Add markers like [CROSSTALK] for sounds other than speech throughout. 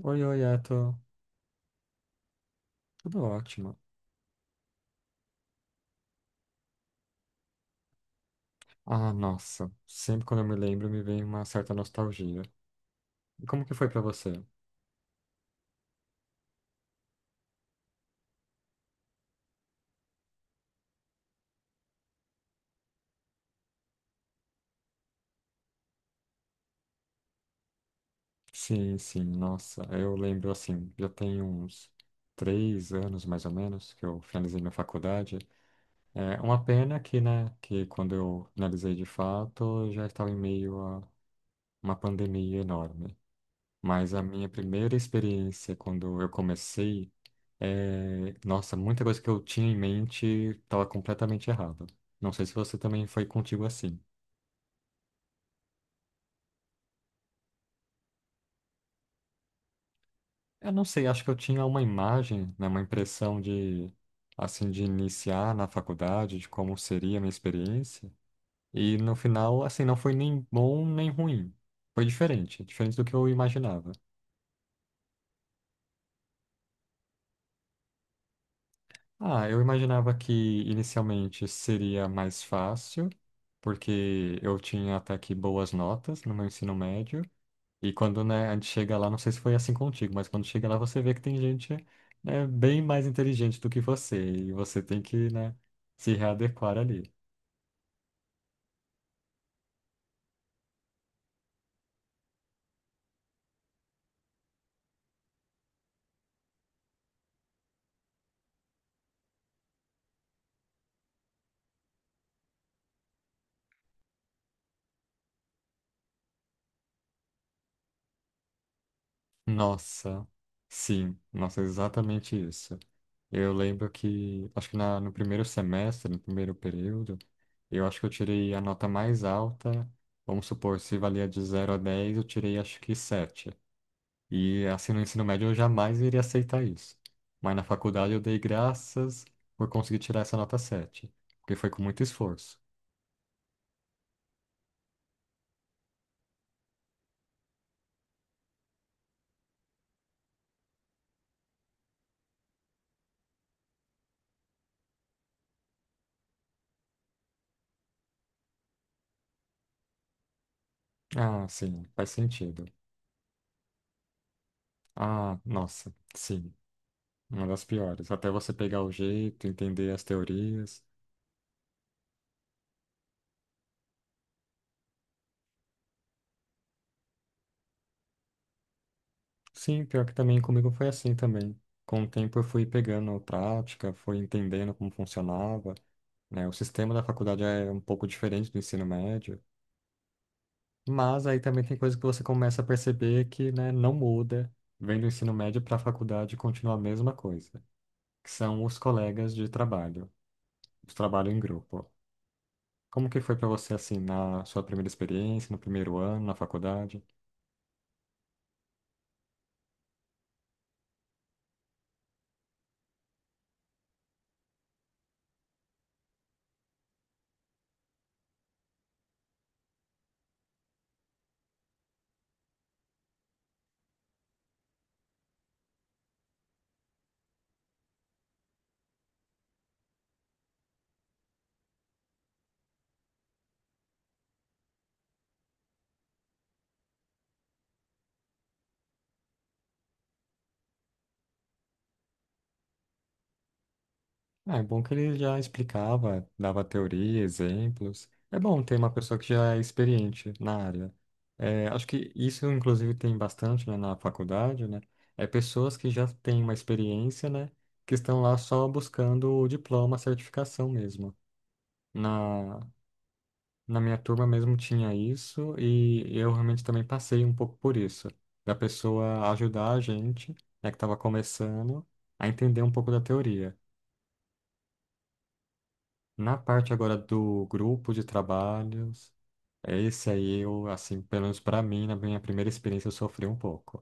Oi, oi, tudo ótimo. Ah, nossa, sempre quando eu me lembro me vem uma certa nostalgia. E como que foi pra você? Sim, sim, nossa, eu lembro assim, já tem uns 3 anos mais ou menos que eu finalizei minha faculdade. É uma pena que, né, que quando eu finalizei de fato, eu já estava em meio a uma pandemia enorme. Mas a minha primeira experiência quando eu comecei. É, nossa, muita coisa que eu tinha em mente estava completamente errada. Não sei se você também foi contigo assim. Eu não sei, acho que eu tinha uma imagem, né, uma impressão de, assim, de iniciar na faculdade, de como seria a minha experiência. E no final, assim, não foi nem bom nem ruim. Foi diferente, diferente do que eu imaginava. Ah, eu imaginava que inicialmente seria mais fácil, porque eu tinha até aqui boas notas no meu ensino médio. E quando, né, a gente chega lá, não sei se foi assim contigo, mas quando chega lá você vê que tem gente, né, bem mais inteligente do que você. E você tem que, né, se readequar ali. Nossa, sim, nossa, exatamente isso. Eu lembro que, acho que no primeiro semestre, no primeiro período, eu acho que eu tirei a nota mais alta. Vamos supor, se valia de 0 a 10 eu tirei acho que sete. E assim no ensino médio eu jamais iria aceitar isso. Mas na faculdade eu dei graças por conseguir tirar essa nota sete, porque foi com muito esforço. Ah, sim, faz sentido. Ah, nossa, sim, uma das piores. Até você pegar o jeito, entender as teorias. Sim, pior que também comigo foi assim também. Com o tempo eu fui pegando prática, fui entendendo como funcionava, né? O sistema da faculdade é um pouco diferente do ensino médio. Mas aí também tem coisa que você começa a perceber que, né, não muda, vem do ensino médio para a faculdade e continua a mesma coisa, que são os colegas de trabalho, os trabalho em grupo. Como que foi para você assim na sua primeira experiência, no primeiro ano, na faculdade? Ah, é bom que ele já explicava, dava teoria, exemplos. É bom ter uma pessoa que já é experiente na área. É, acho que isso, inclusive, tem bastante, né, na faculdade, né? É pessoas que já têm uma experiência, né? Que estão lá só buscando o diploma, a certificação mesmo. Na, na minha turma mesmo tinha isso e eu realmente também passei um pouco por isso. Da pessoa ajudar a gente, né, que estava começando, a entender um pouco da teoria. Na parte agora do grupo de trabalhos, esse aí eu, assim, pelo menos para mim, na minha primeira experiência, eu sofri um pouco.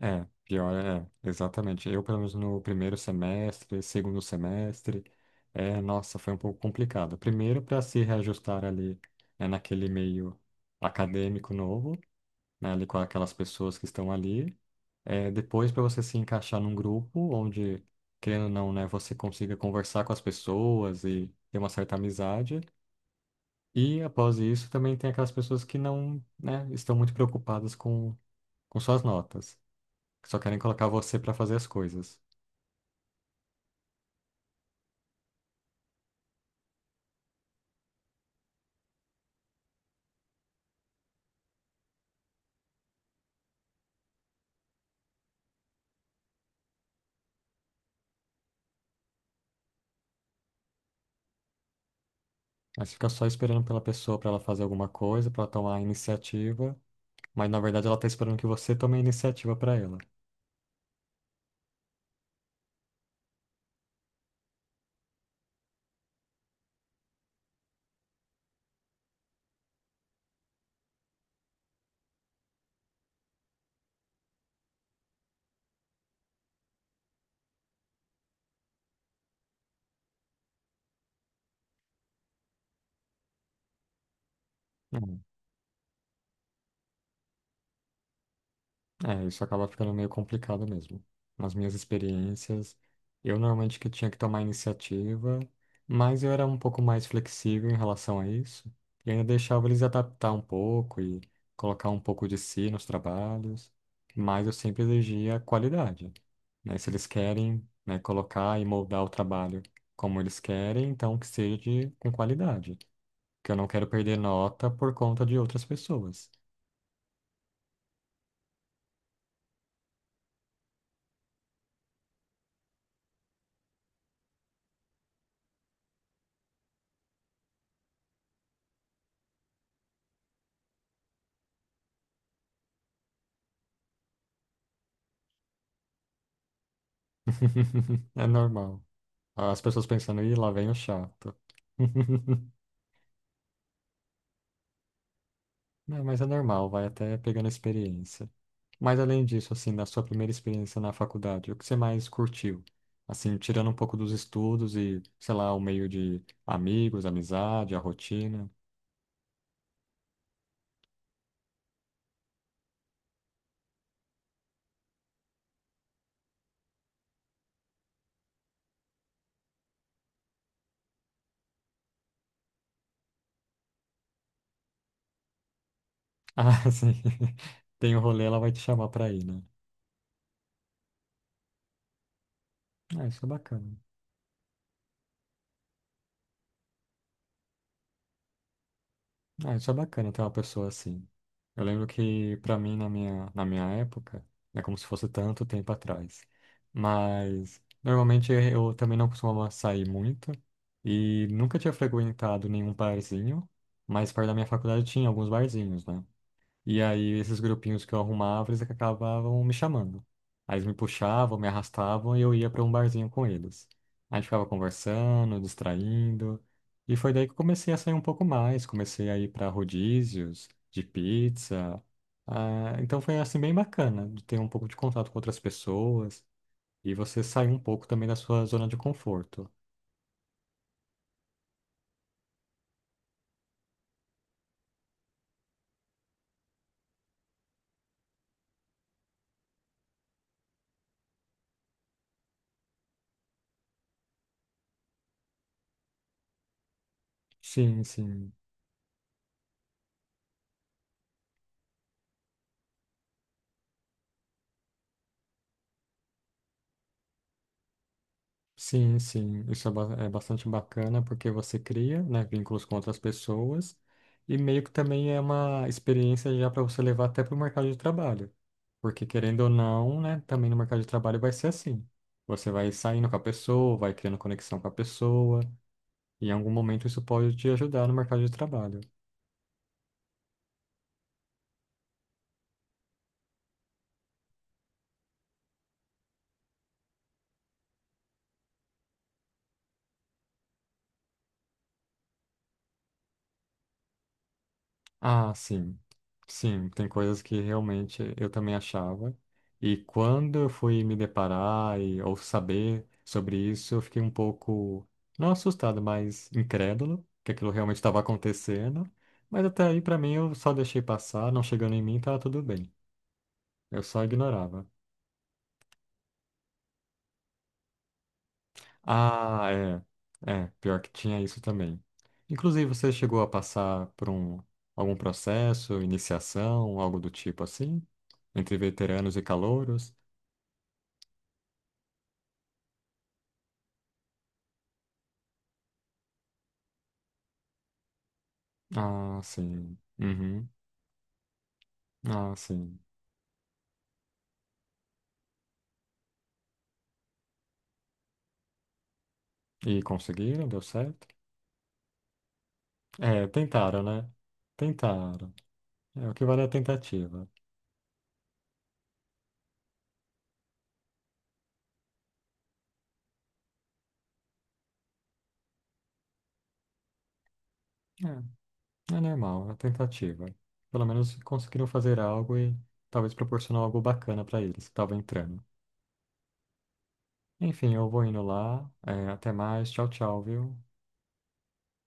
É, pior é, exatamente. Eu, pelo menos no primeiro semestre, segundo semestre, é, nossa, foi um pouco complicado. Primeiro, para se reajustar ali, né, naquele meio acadêmico novo, né, ali com aquelas pessoas que estão ali. É, depois, para você se encaixar num grupo onde, querendo ou não, né, você consiga conversar com as pessoas e ter uma certa amizade. E após isso, também tem aquelas pessoas que não, né, estão muito preocupadas com suas notas, que só querem colocar você para fazer as coisas. Mas fica só esperando pela pessoa para ela fazer alguma coisa, para tomar a iniciativa, mas na verdade ela está esperando que você tome a iniciativa para ela. É, isso acaba ficando meio complicado mesmo. Nas minhas experiências, eu normalmente que tinha que tomar iniciativa, mas eu era um pouco mais flexível em relação a isso, e ainda deixava eles adaptar um pouco e colocar um pouco de si nos trabalhos, mas eu sempre exigia qualidade, né? Se eles querem, né, colocar e moldar o trabalho como eles querem, então que seja com qualidade, que eu não quero perder nota por conta de outras pessoas. [LAUGHS] É normal. As pessoas pensando, ih, lá vem o chato. [LAUGHS] Não, mas é normal, vai até pegando experiência. Mas além disso, assim, da sua primeira experiência na faculdade, o que você mais curtiu? Assim, tirando um pouco dos estudos e, sei lá, o meio de amigos, amizade, a rotina. [LAUGHS] Ah, sim. Tem o rolê, ela vai te chamar pra ir, né? Ah, isso é bacana. Ah, isso é bacana ter uma pessoa assim. Eu lembro que, pra mim, na na minha época, é como se fosse tanto tempo atrás. Mas, normalmente, eu também não costumava sair muito. E nunca tinha frequentado nenhum barzinho. Mas perto da minha faculdade tinha alguns barzinhos, né? E aí, esses grupinhos que eu arrumava, eles acabavam me chamando. Aí eles me puxavam, me arrastavam e eu ia para um barzinho com eles. A gente ficava conversando, distraindo. E foi daí que eu comecei a sair um pouco mais. Comecei a ir para rodízios de pizza. Ah, então foi assim bem bacana de ter um pouco de contato com outras pessoas e você sair um pouco também da sua zona de conforto. Sim, sim. Sim, sim, isso é, é bastante bacana porque você cria, né, vínculos com outras pessoas e meio que também é uma experiência já para você levar até para o mercado de trabalho, porque querendo ou não, né, também no mercado de trabalho vai ser assim. Você vai saindo com a pessoa, vai criando conexão com a pessoa e em algum momento isso pode te ajudar no mercado de trabalho. Ah, sim. Sim, tem coisas que realmente eu também achava. E quando eu fui me deparar e, ou saber sobre isso, eu fiquei um pouco, não assustado, mas incrédulo que aquilo realmente estava acontecendo. Mas até aí, para mim, eu só deixei passar, não chegando em mim, estava tudo bem. Eu só ignorava. Ah, é. É, pior que tinha isso também. Inclusive, você chegou a passar por algum processo, iniciação, algo do tipo assim? Entre veteranos e calouros? Ah, sim. Uhum. Ah, sim. E conseguiram? Deu certo? É, tentaram, né? Tentaram. É, o que vale é a tentativa. É, é normal, é a tentativa. Pelo menos conseguiram fazer algo e talvez proporcionar algo bacana pra eles que estavam entrando. Enfim, eu vou indo lá. É, até mais. Tchau, tchau, viu?